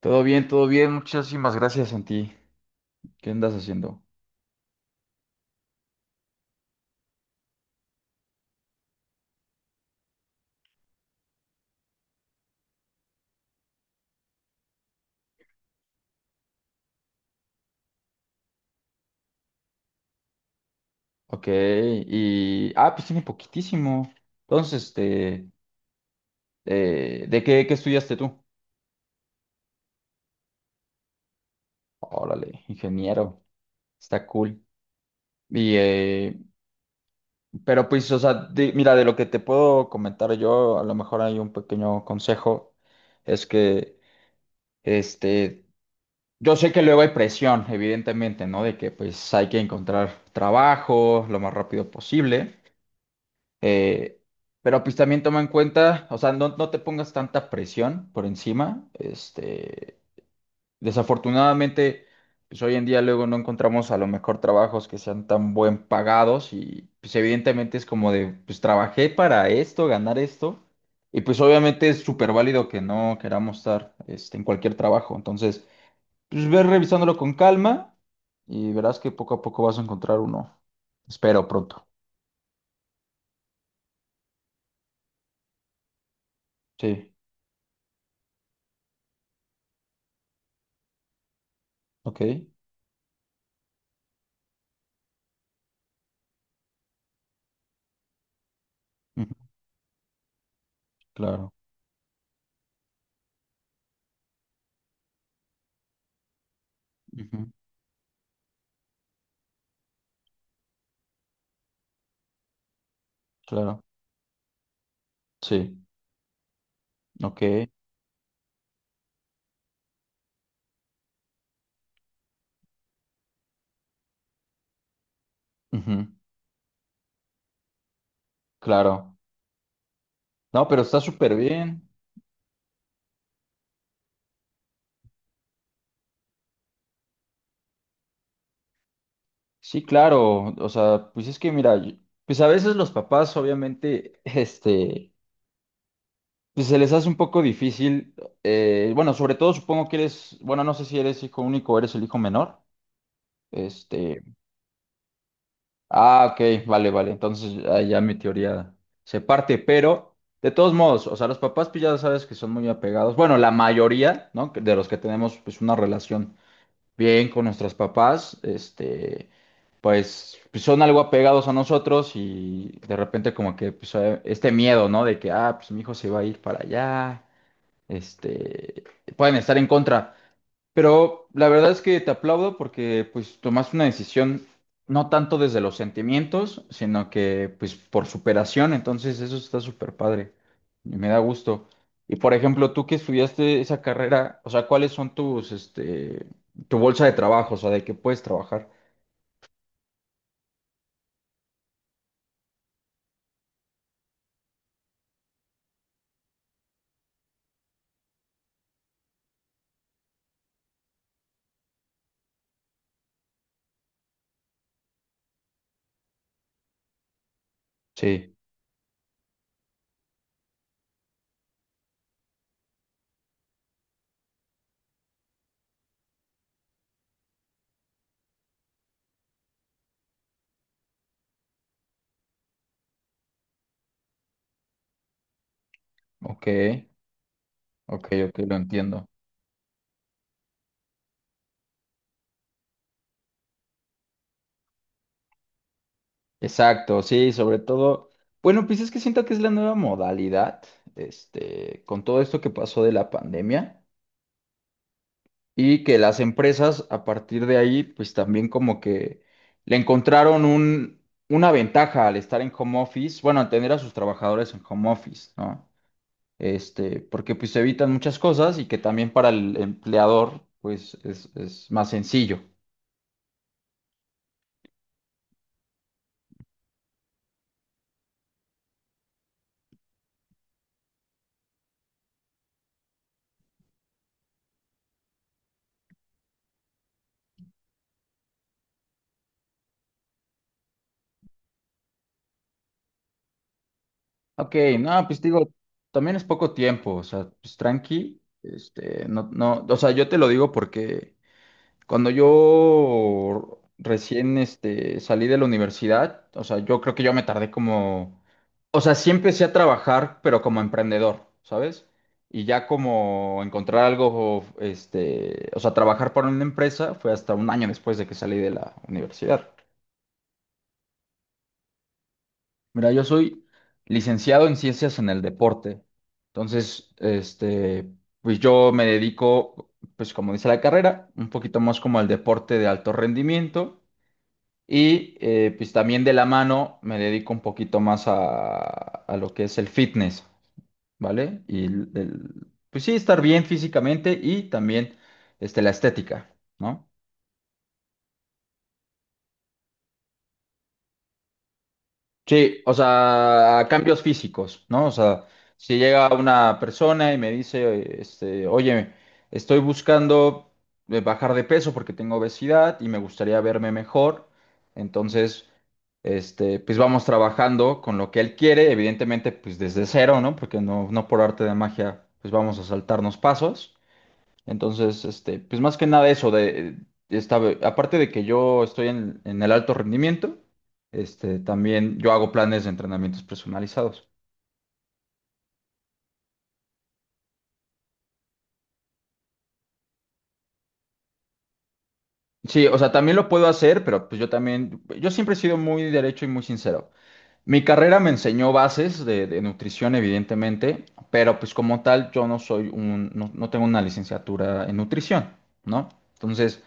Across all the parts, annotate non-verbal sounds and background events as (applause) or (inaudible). Todo bien, todo bien. Muchísimas gracias, Santi. ¿Qué andas haciendo? Ok, y... Ah, pues tiene poquitísimo. Entonces, este... ¿De qué estudiaste tú? Órale, ingeniero. Está cool. Y, pero pues, o sea, mira, de lo que te puedo comentar yo, a lo mejor hay un pequeño consejo, es que, este, yo sé que luego hay presión, evidentemente, ¿no? De que pues hay que encontrar trabajo lo más rápido posible. Eh, pero pues también toma en cuenta, o sea, no, no te pongas tanta presión por encima. Este, desafortunadamente, pues hoy en día luego no encontramos a lo mejor trabajos que sean tan buen pagados y pues evidentemente es como de, pues trabajé para esto, ganar esto. Y pues obviamente es súper válido que no queramos estar este, en cualquier trabajo. Entonces, pues ve revisándolo con calma y verás que poco a poco vas a encontrar uno. Espero pronto. Sí, ok. Ujú. Claro. Ujú. Claro, sí, ok, ujú, claro. No, pero está súper bien. Sí, claro, o sea, pues es que mira, pues a veces los papás obviamente, (laughs) este, pues se les hace un poco difícil, bueno, sobre todo supongo que eres, bueno, no sé si eres hijo único o eres el hijo menor, este, ah, ok, vale, vale, entonces ahí ya mi teoría se parte, pero de todos modos, o sea, los papás pues ya sabes que son muy apegados, bueno, la mayoría, ¿no? De los que tenemos pues una relación bien con nuestros papás, este, pues, son algo apegados a nosotros y de repente como que pues, este miedo, ¿no? De que, ah, pues mi hijo se va a ir para allá, este, pueden estar en contra. Pero la verdad es que te aplaudo porque pues tomaste una decisión no tanto desde los sentimientos, sino que pues por superación, entonces eso está súper padre y me da gusto. Y por ejemplo, tú que estudiaste esa carrera, o sea, ¿cuáles son tus, este, tu bolsa de trabajo, o sea, de qué puedes trabajar? Sí, ok, ok, ok, lo entiendo. Exacto, sí, sobre todo, bueno, pues es que siento que es la nueva modalidad, este, con todo esto que pasó de la pandemia. Y que las empresas a partir de ahí, pues también como que le encontraron una ventaja al estar en home office, bueno, al tener a sus trabajadores en home office, ¿no? Este, porque pues se evitan muchas cosas y que también para el empleador, pues es más sencillo. Ok, no, pues digo, también es poco tiempo, o sea, pues tranqui, este, no, no, o sea, yo te lo digo porque... Cuando yo recién este, salí de la universidad, o sea, yo creo que yo me tardé como, o sea, sí empecé a trabajar, pero como emprendedor, ¿sabes? Y ya como encontrar algo, este, o sea, trabajar para una empresa fue hasta un año después de que salí de la universidad. Mira, yo soy licenciado en ciencias en el deporte. Entonces, este, pues yo me dedico, pues como dice la carrera, un poquito más como al deporte de alto rendimiento. Y pues también de la mano me dedico un poquito más a, lo que es el fitness, ¿vale? Y pues sí, estar bien físicamente y también este, la estética, ¿no? Sí, o sea, a cambios físicos, ¿no? O sea, si llega una persona y me dice, este, oye, estoy buscando bajar de peso porque tengo obesidad y me gustaría verme mejor, entonces, este, pues vamos trabajando con lo que él quiere, evidentemente, pues desde cero, ¿no? Porque no, no por arte de magia, pues vamos a saltarnos pasos. Entonces, este, pues más que nada eso de aparte de que yo estoy en, el alto rendimiento, este, también yo hago planes de entrenamientos personalizados. Sí, o sea, también lo puedo hacer, pero pues yo también, yo siempre he sido muy derecho y muy sincero. Mi carrera me enseñó bases de, nutrición, evidentemente, pero pues como tal yo no soy no tengo una licenciatura en nutrición, ¿no? Entonces,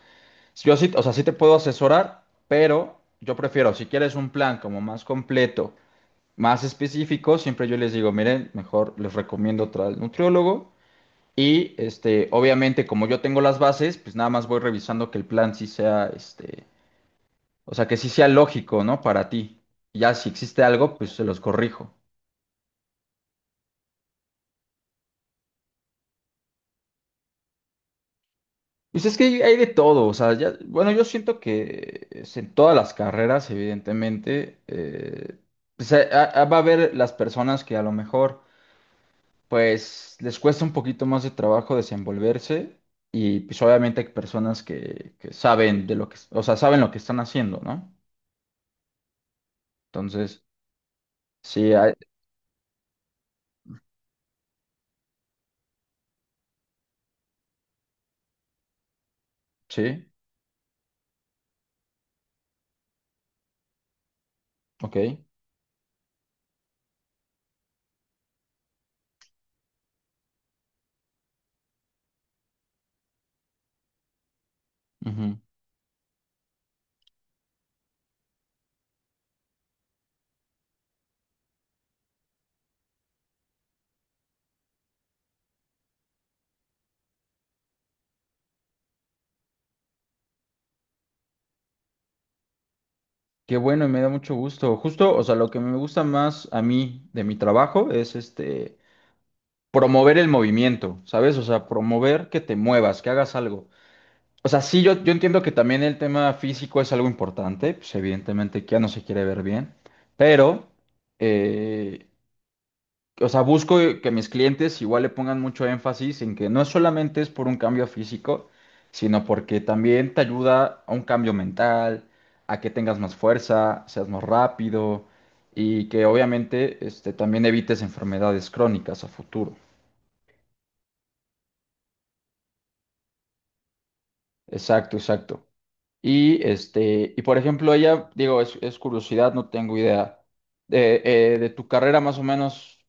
yo sí, o sea, sí te puedo asesorar, pero yo prefiero, si quieres un plan como más completo, más específicos, siempre yo les digo, miren, mejor les recomiendo otra al nutriólogo. Y este, obviamente, como yo tengo las bases, pues nada más voy revisando que el plan sí sea, este, o sea, que sí sea lógico, ¿no? Para ti. Ya si existe algo, pues se los corrijo. Pues es que hay de todo, o sea, ya, bueno, yo siento que es en todas las carreras, evidentemente, pues, va a haber las personas que a lo mejor pues les cuesta un poquito más de trabajo desenvolverse, y pues obviamente hay personas que saben de lo que, o sea, saben lo que están haciendo, ¿no? Entonces, sí, sí, ok. Ujú. Qué bueno y me da mucho gusto. Justo, o sea, lo que me gusta más a mí de mi trabajo es este, promover el movimiento, ¿sabes? O sea, promover que te muevas, que hagas algo. O sea, sí, yo entiendo que también el tema físico es algo importante, pues evidentemente que ya no se quiere ver bien, pero... eh, o sea, busco que mis clientes igual le pongan mucho énfasis en que no solamente es por un cambio físico, sino porque también te ayuda a un cambio mental, a que tengas más fuerza, seas más rápido y que obviamente este, también evites enfermedades crónicas a futuro. Exacto, exacto. Y este, por ejemplo, ella, digo, es curiosidad, no tengo idea. De tu carrera más o menos,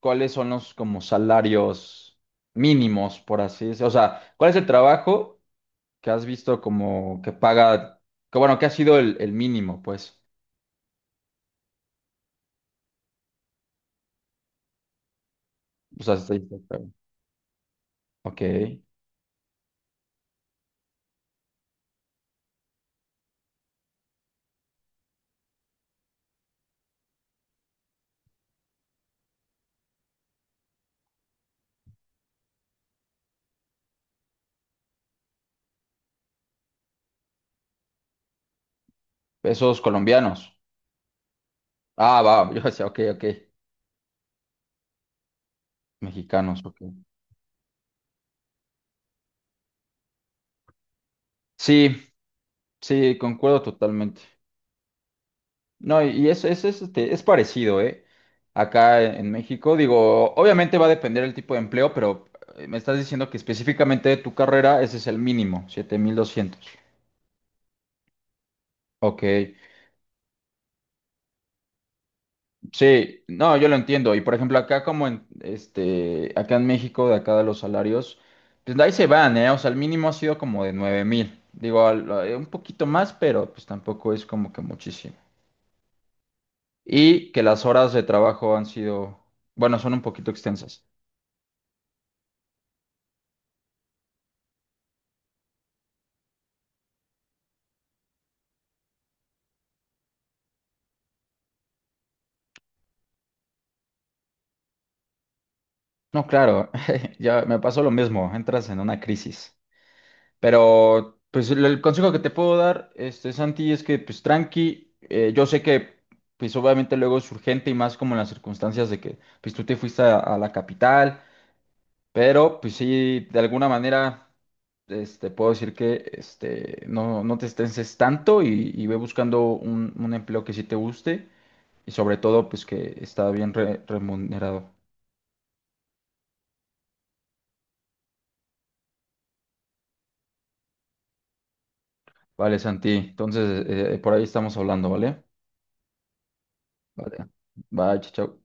cuáles son los como salarios mínimos, por así decirlo. O sea, ¿cuál es el trabajo que has visto como que paga, que bueno, que ha sido el mínimo, pues? O sea, ok. Pesos colombianos. Ah, va, (laughs) yo decía, ok, ok. Mexicanos, ok. Sí, sí, concuerdo totalmente. No, y eso, eso es, este, es parecido, ¿eh? Acá en México, digo, obviamente va a depender el tipo de empleo, pero me estás diciendo que específicamente de tu carrera ese es el mínimo, 7,200. Ok, sí, no, yo lo entiendo. Y por ejemplo, acá como acá en México, de acá de los salarios, pues ahí se van, ¿eh? O sea, el mínimo ha sido como de 9,000. Digo, un poquito más, pero pues tampoco es como que muchísimo. Y que las horas de trabajo han sido, bueno, son un poquito extensas. No, claro, (laughs) ya me pasó lo mismo, entras en una crisis. Pero, pues, el consejo que te puedo dar, este, Santi, es que, pues, tranqui, yo sé que, pues, obviamente luego es urgente y más como en las circunstancias de que, pues, tú te fuiste a, la capital, pero, pues, sí, de alguna manera, este, puedo decir que, este, no, no te estreses tanto y ve buscando un empleo que sí te guste y sobre todo, pues, que está bien remunerado. Vale, Santi. Entonces, por ahí estamos hablando, ¿vale? Vale. Bye, chao. Chao.